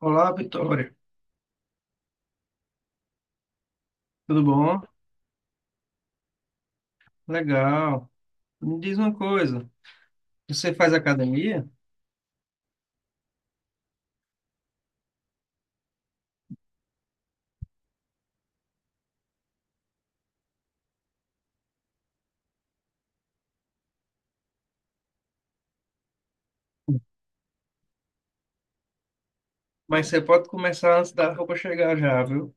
Olá, Vitória. Tudo bom? Legal. Me diz uma coisa, você faz academia? Mas você pode começar antes da roupa chegar já, viu?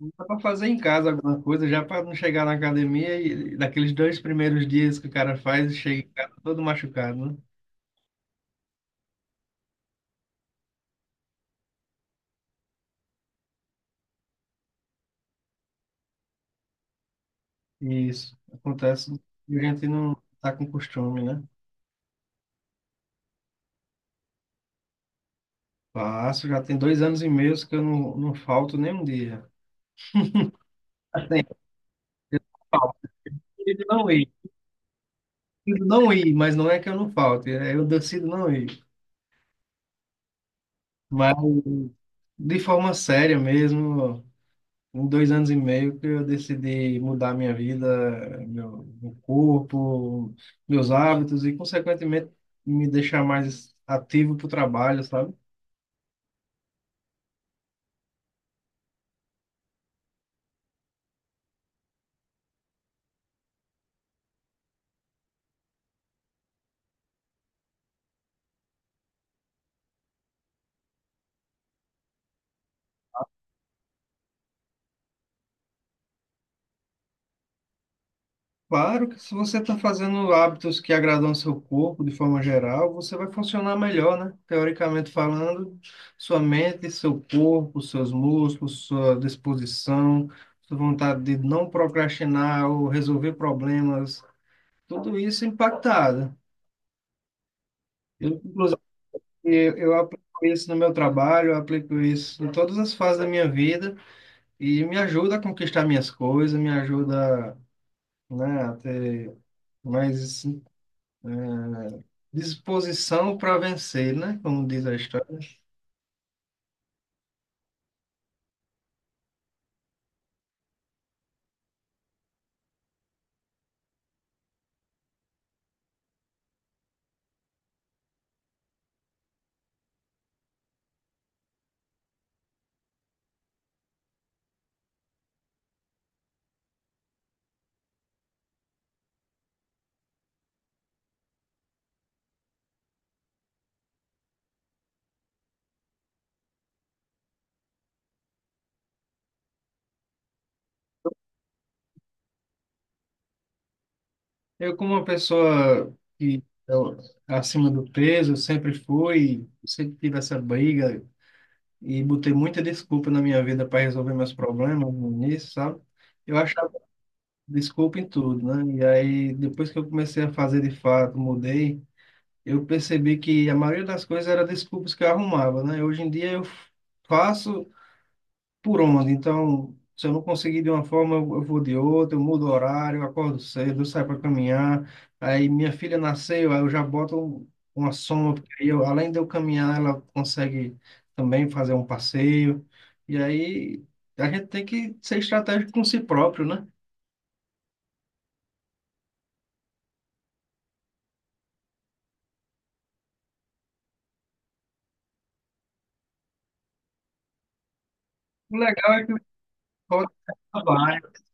Dá para fazer em casa alguma coisa, já para não chegar na academia e daqueles dois primeiros dias que o cara faz e chega em casa todo machucado, né? Isso, acontece. E a gente não tá com costume, né? Faço, já tem 2 anos e meio que eu não falto nem um dia. Assim, eu decido não ir, mas não é que eu não falte, é eu decido não ir. Mas de forma séria mesmo, em 2 anos e meio que eu decidi mudar minha vida, meu corpo, meus hábitos e, consequentemente, me deixar mais ativo para o trabalho, sabe? Claro que se você está fazendo hábitos que agradam ao seu corpo de forma geral, você vai funcionar melhor, né? Teoricamente falando, sua mente, seu corpo, seus músculos, sua disposição, sua vontade de não procrastinar ou resolver problemas, tudo isso impactado. Eu, inclusive, eu aplico isso no meu trabalho, eu aplico isso em todas as fases da minha vida e me ajuda a conquistar minhas coisas, me ajuda, né, a ter mais disposição para vencer, né? Como diz a história. Eu, como uma pessoa que eu, acima do peso, eu sempre fui, sempre tive essa briga e botei muita desculpa na minha vida para resolver meus problemas no início, sabe? Eu achava desculpa em tudo, né? E aí, depois que eu comecei a fazer de fato, mudei, eu percebi que a maioria das coisas era desculpas que eu arrumava, né? Hoje em dia eu faço por onde. Então, se eu não conseguir de uma forma, eu vou de outra, eu mudo o horário, eu acordo cedo, eu saio para caminhar. Aí minha filha nasceu, aí eu já boto uma soma, porque aí eu, além de eu caminhar, ela consegue também fazer um passeio. E aí a gente tem que ser estratégico com si próprio, né? O legal é que você pode testar vários.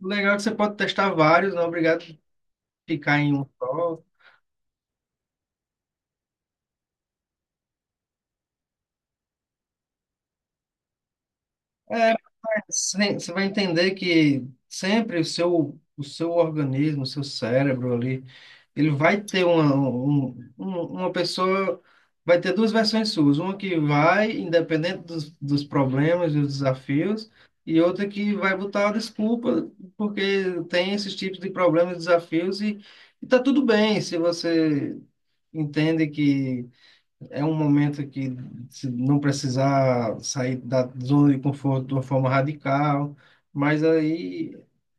O legal é que você pode testar vários, não é obrigado a ficar em um só. É, sim, você vai entender que sempre o seu organismo, o seu cérebro ali, ele vai ter uma pessoa, vai ter duas versões suas, uma que vai, independente dos problemas e dos desafios, e outra que vai botar a desculpa, porque tem esses tipos de problemas e desafios, e tá tudo bem se você entende é um momento que se não precisar sair da zona de conforto de uma forma radical, mas aí,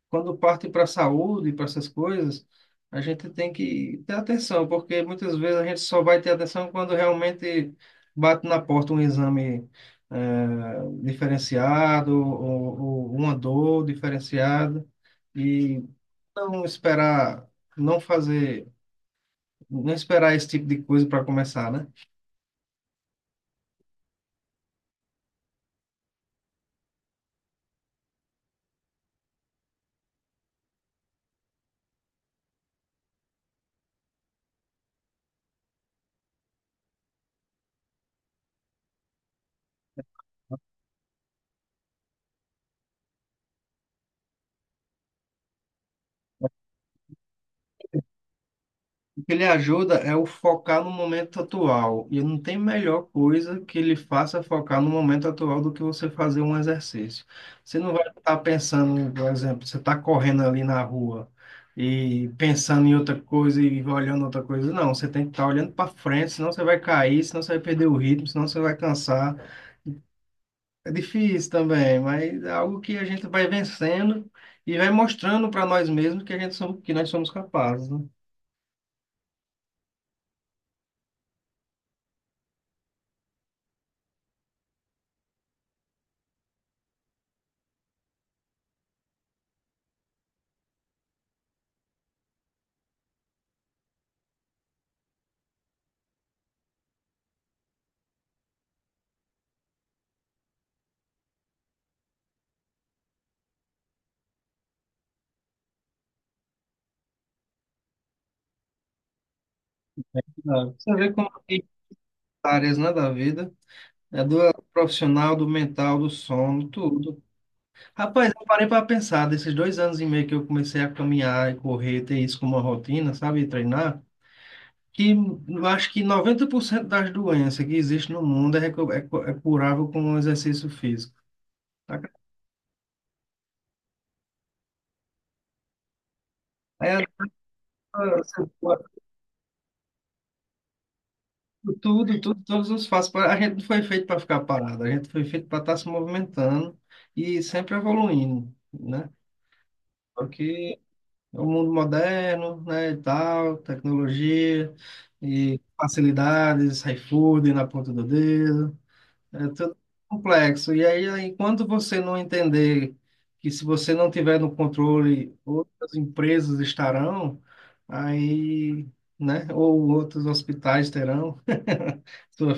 quando parte para a saúde, para essas coisas, a gente tem que ter atenção, porque muitas vezes a gente só vai ter atenção quando realmente bate na porta um exame diferenciado ou, uma dor diferenciada, e não esperar, não fazer, não esperar esse tipo de coisa para começar, né? O que ele ajuda é o focar no momento atual. E não tem melhor coisa que ele faça focar no momento atual do que você fazer um exercício. Você não vai estar pensando, por exemplo, você está correndo ali na rua e pensando em outra coisa e olhando outra coisa. Não, você tem que estar olhando para frente, senão você vai cair, senão você vai perder o ritmo, senão você vai cansar. É difícil também, mas é algo que a gente vai vencendo e vai mostrando para nós mesmos que a gente somos, que nós somos capazes, né? Sabe? Você vê como áreas, né, da vida. É do profissional, do mental, do sono, tudo. Rapaz, eu parei para pensar, desses 2 anos e meio que eu comecei a caminhar e correr, ter isso como uma rotina, sabe, e treinar, que eu acho que 90% das doenças que existem no mundo é curável com um exercício físico. Tá? É, você pode- tudo, tudo, todos os passos. A gente não foi feito para ficar parado, a gente foi feito para estar se movimentando e sempre evoluindo, né? Porque o mundo moderno, né, e tal, tecnologia e facilidades, iFood na ponta do dedo, é tudo complexo. E aí, enquanto você não entender que se você não tiver no controle, outras empresas estarão, aí, né, ou outros hospitais terão. Sua-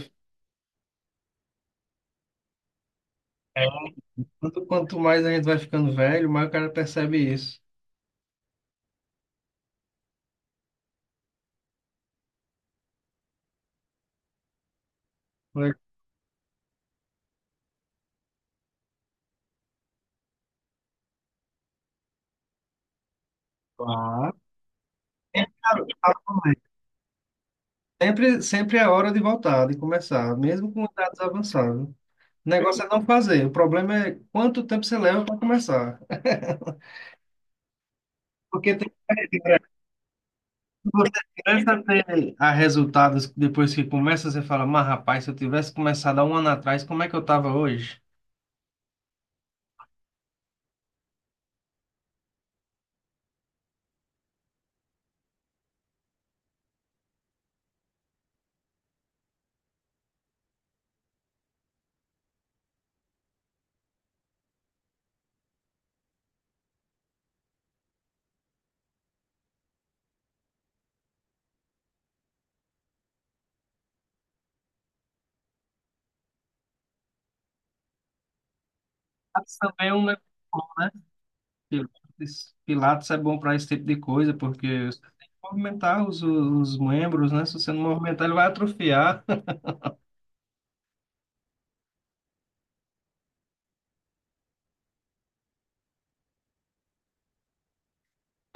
Quanto mais a gente vai ficando velho, mais o cara percebe isso. Claro. É, cara, sempre é hora de voltar, de começar, mesmo com idades avançadas. O negócio é não fazer. O problema é quanto tempo você leva para começar. Porque tem, você começa a ter a resultados depois que começa, você fala, mas rapaz, se eu tivesse começado há um ano atrás, como é que eu estava hoje? Pilates também é um negócio, né? Pilates, Pilates é bom para esse tipo de coisa, porque você tem que movimentar os membros, né? Se você não movimentar, ele vai atrofiar.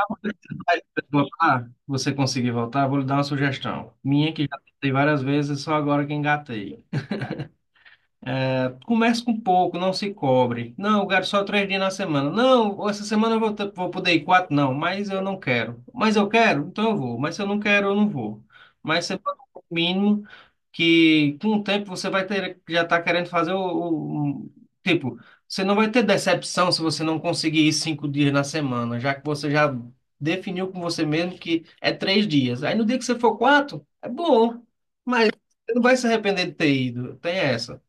Quando você vai voltar, você conseguir voltar, vou lhe dar uma sugestão. Minha que já tentei várias vezes, só agora que engatei. Comece com pouco, não se cobre. Não, eu quero só 3 dias na semana. Não, essa semana eu vou, ter- vou poder ir quatro, não, mas eu não quero. Mas eu quero, então eu vou. Mas se eu não quero, eu não vou. Mas você bota o mínimo que com o tempo você vai ter, já tá querendo fazer o tipo, você não vai ter decepção se você não conseguir ir 5 dias na semana, já que você já definiu com você mesmo que é 3 dias. Aí no dia que você for quatro, é bom, mas você não vai se arrepender de ter ido. Tem essa.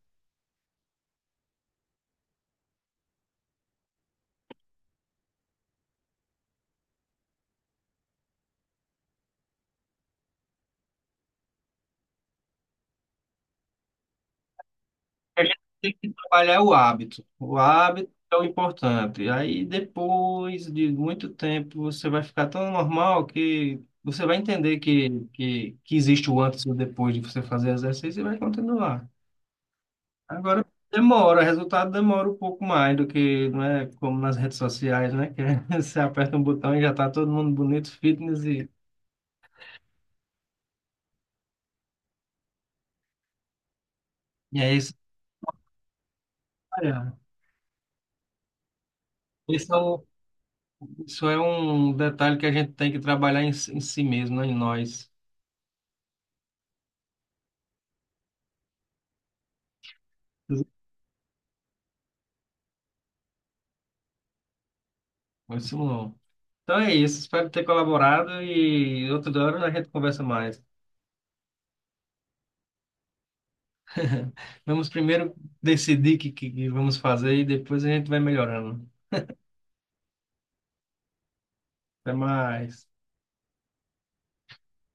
A gente tem que trabalhar o hábito. O hábito é o importante. Aí depois de muito tempo você vai ficar tão normal que você vai entender que existe o antes e o depois de você fazer exercício e vai continuar. Agora demora, o resultado demora um pouco mais do que, não é como nas redes sociais, né? Que você aperta um botão e já está todo mundo bonito, fitness e é isso. Olha, Isso é um, isso é um detalhe que a gente tem que trabalhar em si mesmo, né? Em nós. Isso não. Então é isso, espero ter colaborado e outro hora a gente conversa mais. Vamos primeiro decidir o que, que vamos fazer e depois a gente vai melhorando. Até mais.